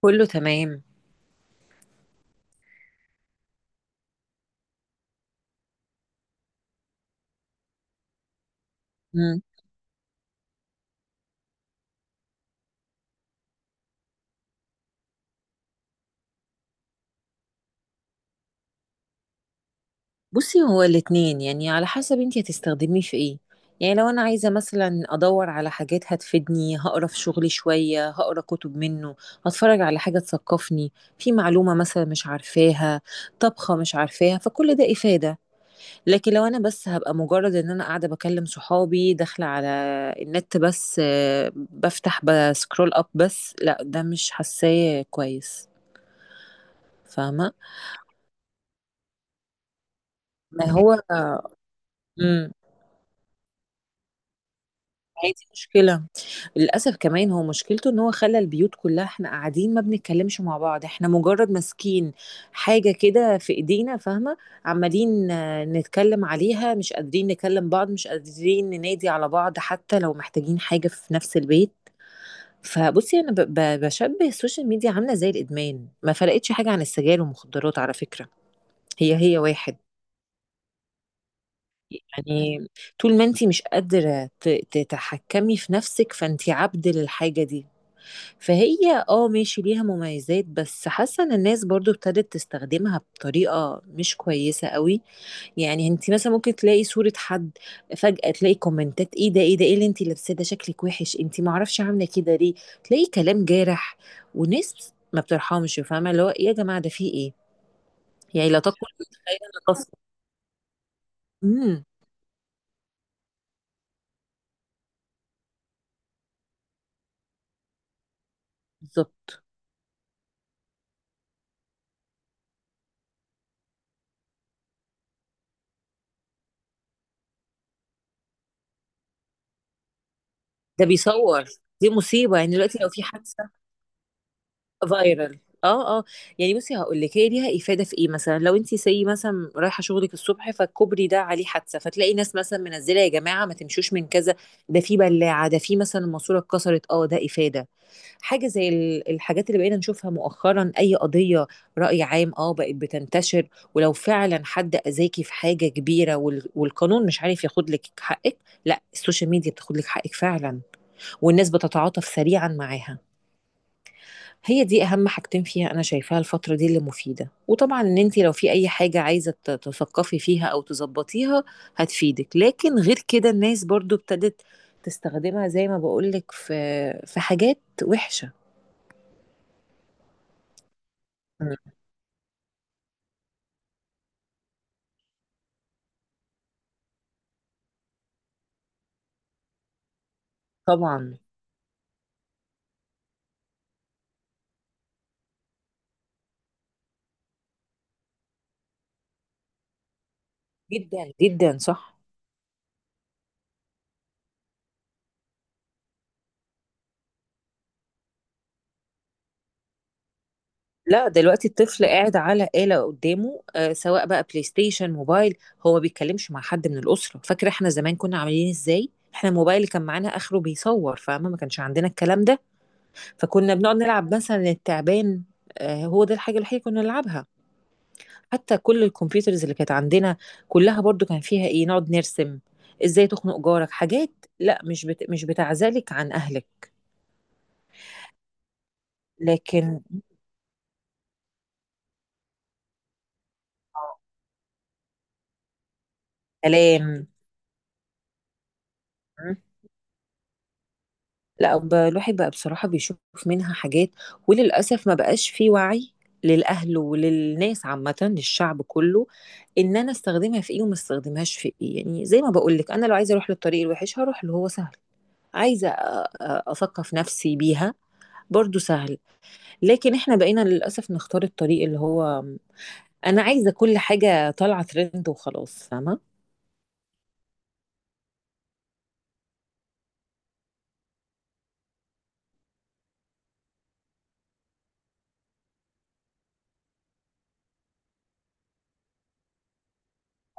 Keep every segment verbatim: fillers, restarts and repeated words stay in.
كله تمام. مم. بصي هو الاتنين، يعني على حسب انتي هتستخدميه في ايه. يعني لو انا عايزه مثلا ادور على حاجات هتفيدني، هقرا في شغلي شويه، هقرا كتب منه، هتفرج على حاجه تثقفني، في معلومه مثلا مش عارفاها، طبخه مش عارفاها، فكل ده افاده. لكن لو انا بس هبقى مجرد ان انا قاعده بكلم صحابي، داخله على النت بس، آه، بفتح بسكرول اب بس، لا ده مش حاساه كويس، فاهمه. ما هو مم. ما هي دي مشكلة، للأسف كمان، هو مشكلته إن هو خلّى البيوت كلّها، إحنا قاعدين ما بنتكلّمش مع بعض، إحنا مجرّد ماسكين حاجة كده في إيدينا، فاهمة، عمّالين آه، نتكلّم عليها، مش قادرين نكلّم بعض، مش قادرين ننادي على بعض حتى لو محتاجين حاجة في نفس البيت، فبُصّي أنا ب ب باشبّه السوشيال ميديا عاملة زي الإدمان، ما فرقتش حاجة عن السجاير والمخدرات على فكرة، هي، هي واحد. يعني طول ما أنتِ مش قادرة ت تتحكّمي في نفسِك، فأنتِ عبد للحاجة دي. فهي اه ماشي ليها مميزات، بس حاسه ان الناس برضو ابتدت تستخدمها بطريقه مش كويسه قوي. يعني انت مثلا ممكن تلاقي صوره حد، فجاه تلاقي كومنتات ايه ده ايه ده ايه اللي انت لابساه ده، شكلك وحش، انت ما اعرفش عامله كده ليه. تلاقي كلام جارح، وناس ما بترحمش، فاهمه اللي هو إيه يا جماعه ده في ايه. يعني لا تقل متخيله ان قصد. امم بالظبط ده بيصور، دي مصيبه، يعني دلوقتي لو في حادثه، فايرال اه اه يعني. بصي هقول لك هي ليها افاده في ايه، مثلا لو انت سي مثلا رايحه شغلك الصبح فالكوبري ده عليه حادثه، فتلاقي ناس مثلا منزله يا جماعه ما تمشوش من كذا، ده في بلاعه، ده في مثلا الماسوره اتكسرت، اه ده افاده. حاجه زي ال- الحاجات اللي بقينا نشوفها مؤخرا، اي قضيه راي عام اه بقت بتنتشر. ولو فعلا حد اذاكي في حاجه كبيره وال- والقانون مش عارف ياخد لك حقك، لا السوشيال ميديا بتاخد لك حقك فعلا، والناس بتتعاطف سريعا معاها. هي دي اهم حاجتين فيها انا شايفاها الفتره دي اللي مفيده. وطبعا ان انت لو في اي حاجه عايزه ت- تثقفي فيها او تظبطيها هتفيدك. لكن غير كده، الناس برضو ابتدت تستخدمها زي ما بقولك في في حاجات وحشه. مم. طبعا، جدا جدا صح. لا دلوقتي الطفل قاعد على آلة قدامه، آه سواء بقى بلاي ستيشن، موبايل، هو بيتكلمش مع حد من الأسرة. فاكرة احنا زمان كنا عاملين ازاي؟ احنا الموبايل اللي كان معانا آخره بيصور، فاهمة، ما كانش عندنا الكلام ده. فكنا بنقعد نلعب مثلا التعبان، آه، هو ده الحاجة الوحيدة كنا نلعبها. حتى كل الكمبيوترز اللي كانت عندنا كلها برضو كان فيها ايه، نقعد نرسم، ازاي تخنق جارك، حاجات. لا مش بت... مش بتعزلك عن اهلك. لكن كلام. م? لا ب- الواحد بقى بصراحة بيشوف منها حاجات. وللأسف ما بقاش في وعي للأهل وللناس عامة، للشعب كله، إن أنا استخدمها في إيه، وما استخدمهاش في إيه. يعني زي ما بقولك، أنا لو عايزة أروح للطريق الوحش، هروح اللي هو سهل. عايزة أ- أ- أثقف نفسي بيها، برضو سهل. لكن احنا بقينا للأسف نختار الطريق اللي هو، أنا عايزة كل حاجة طالعة ترند وخلاص، فاهمة؟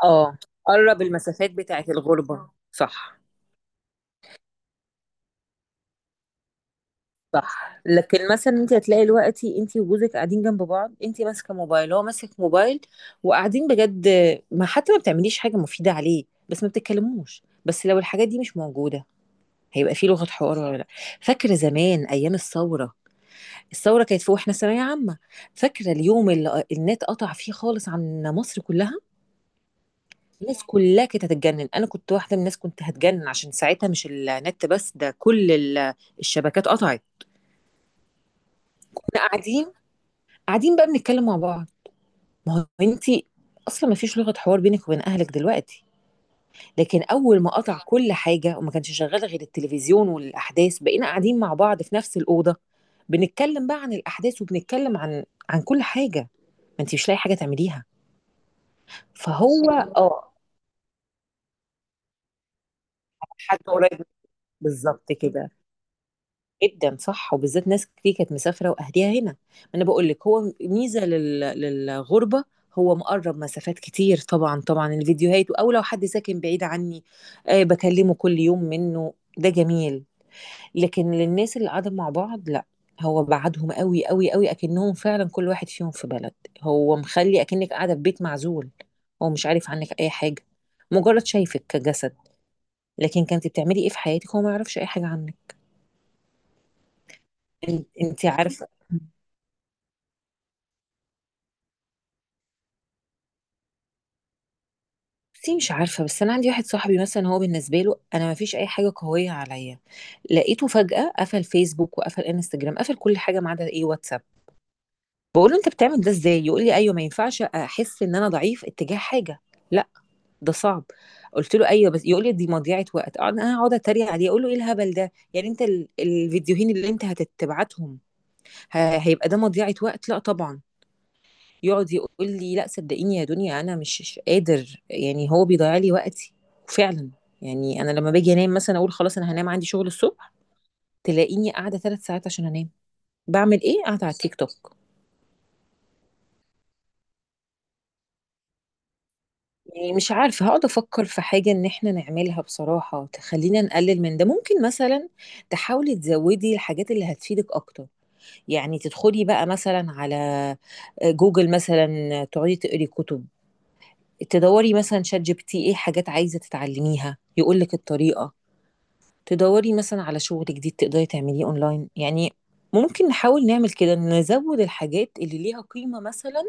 اه، قرب المسافات بتاعت الغربة، صح. صح، لكن مثلا انت هتلاقي دلوقتي انت وجوزك قاعدين جنب بعض، انت ماسكه موبايل، هو ماسك موبايل، وقاعدين بجد ما حتى ما بتعمليش حاجه مفيده عليه، بس ما بتتكلموش. بس لو الحاجات دي مش موجوده، هيبقى في لغه حوار ولا لا؟ فاكره زمان ايام الثوره، الثورة كانت في واحنا ثانوية عامة، فاكرة اليوم اللي النت قطع فيه خالص عن مصر كلها. الناس كلها كانت هتتجنن، انا كنت واحدة من الناس كنت هتجنن عشان ساعتها مش النت بس، ده كل ال- الشبكات قطعت. كنا قاعدين، قاعدين بقى بنتكلم مع بعض. ما هو انتي اصلا ما فيش لغة حوار بينك وبين اهلك دلوقتي. لكن اول ما قطع كل حاجة وما كانش شغال غير التلفزيون والاحداث، بقينا قاعدين مع بعض في نفس الأوضة، بنتكلم بقى عن الاحداث، وبنتكلم عن عن كل حاجة. ما انتي مش لاقي حاجة تعمليها. فهو أيوة. اه، حد قريب منك، بالظبط كده. جدا صح، وبالذات ناس كتير كانت مسافره واهليها هنا، ما انا بقول لك هو ميزه لل... للغربه. هو مقرب مسافات كتير، طبعا طبعا الفيديوهات، او لو حد ساكن بعيد عني، آه بكلمه كل يوم، منه ده جميل. لكن للناس اللي قاعده مع بعض لا، هو بعدهم قوي قوي قوي، اكنهم فعلا كل واحد فيهم في بلد. هو مخلي اكنك قاعده في بيت معزول، هو مش عارف عنك اي حاجه، مجرد شايفك كجسد. لكن كنت بتعملي ايه في حياتك، هو ما يعرفش اي حاجه عنك. إن- انت عارفه، بصي مش عارفه. بس انا عندي واحد صاحبي مثلا، هو بالنسبه له انا ما فيش اي حاجه قويه عليا. لقيته فجاه قفل فيسبوك وقفل انستجرام، قفل كل حاجه ما عدا ايه، واتساب. بقول له انت بتعمل ده ازاي؟ يقول لي ايوه ما ينفعش احس ان انا ضعيف اتجاه حاجه. لا ده صعب. قلت له ايوه بس، يقول لي دي مضيعه وقت. أقعد- انا هقعد اتريق عليه، اقول له ايه الهبل ده، يعني انت ال- الفيديوهين اللي انت هتتبعتهم ه- هيبقى ده مضيعه وقت؟ لا طبعا. يقعد يقول لي لا صدقيني يا دنيا، انا مش مش قادر، يعني هو بيضيع لي وقتي. وفعلا، يعني انا لما باجي انام مثلا، اقول خلاص انا هنام، عندي شغل الصبح، تلاقيني قاعده ثلاث ساعات عشان انام. بعمل ايه؟ قاعده على التيك توك. يعني مش عارفه، هقعد افكر في حاجه ان احنا نعملها بصراحه تخلينا نقلل من ده. ممكن مثلا تحاولي تزودي الحاجات اللي هتفيدك اكتر، يعني تدخلي بقى مثلا على، آه، جوجل مثلا، تقعدي تقري كتب، تدوري مثلا شات جي بي تي ايه حاجات عايزة تتعلميها يقولك الطريقة، تدوري مثلا على شغل جديد تقدري تعمليه اونلاين. يعني ممكن نحاول نعمل كده، نزود الحاجات اللي ليها قيمة مثلا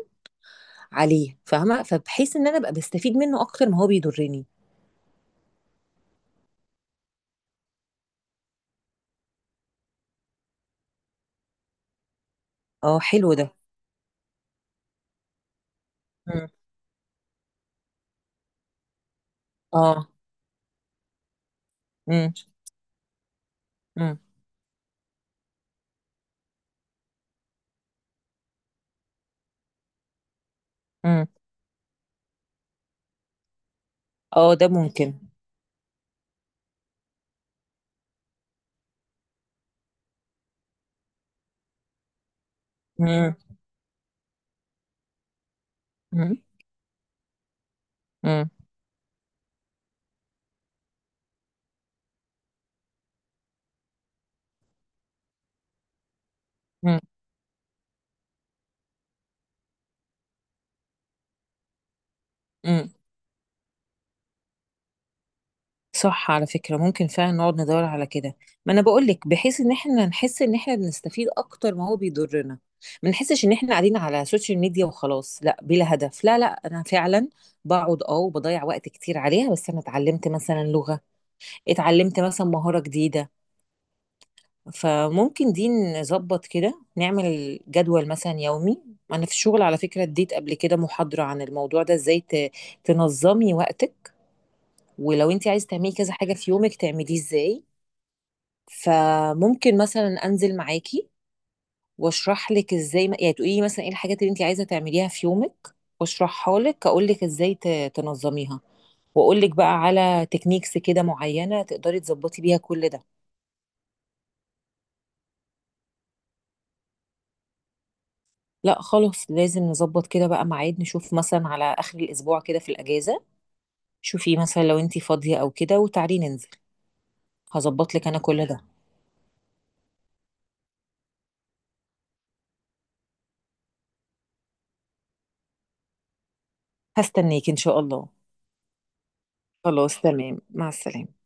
عليه، فاهمة؟ فبحيث ان انا ابقى بستفيد منه اكتر ما هو بيضرني. اه حلو ده. مم. اه. مم. مم. مم. اه ده ممكن. مم. مم. مم. مم. مم. صح، على فكرة ممكن فعلا نقعد ندور على كده. ما انا بقول لك، بحيث ان احنا نحس ان احنا بنستفيد اكتر ما هو بيضرنا. ما نحسش ان احنا قاعدين على سوشيال ميديا وخلاص، لا بلا هدف، لا لا. انا فعلا بقعد اه وبضيع وقت كتير عليها، بس انا اتعلمت مثلا لغة، اتعلمت مثلا مهارة جديدة. فممكن دي نظبط كده، نعمل جدول مثلا يومي. انا في الشغل على فكرة اديت قبل كده محاضرة عن الموضوع ده، ازاي ت- تنظمي وقتك، ولو انت عايز تعملي كذا حاجة في يومك تعمليه ازاي. فممكن مثلا انزل معاكي، واشرح لك ازاي، يعني تقولي لي مثلا ايه الحاجات اللي انت عايزه تعمليها في يومك، واشرحها لك، اقول لك ازاي ت- تنظميها، واقول لك بقى على تكنيكس كده معينه تقدري تظبطي بيها كل ده. لا خلاص، لازم نظبط كده بقى ميعاد، نشوف مثلا على اخر الاسبوع كده في الاجازه، شوفي مثلا لو انت فاضيه او كده، وتعالي ننزل، هظبط لك انا كل ده. هستنيك ان شاء الله. خلاص تمام، مع السلامه.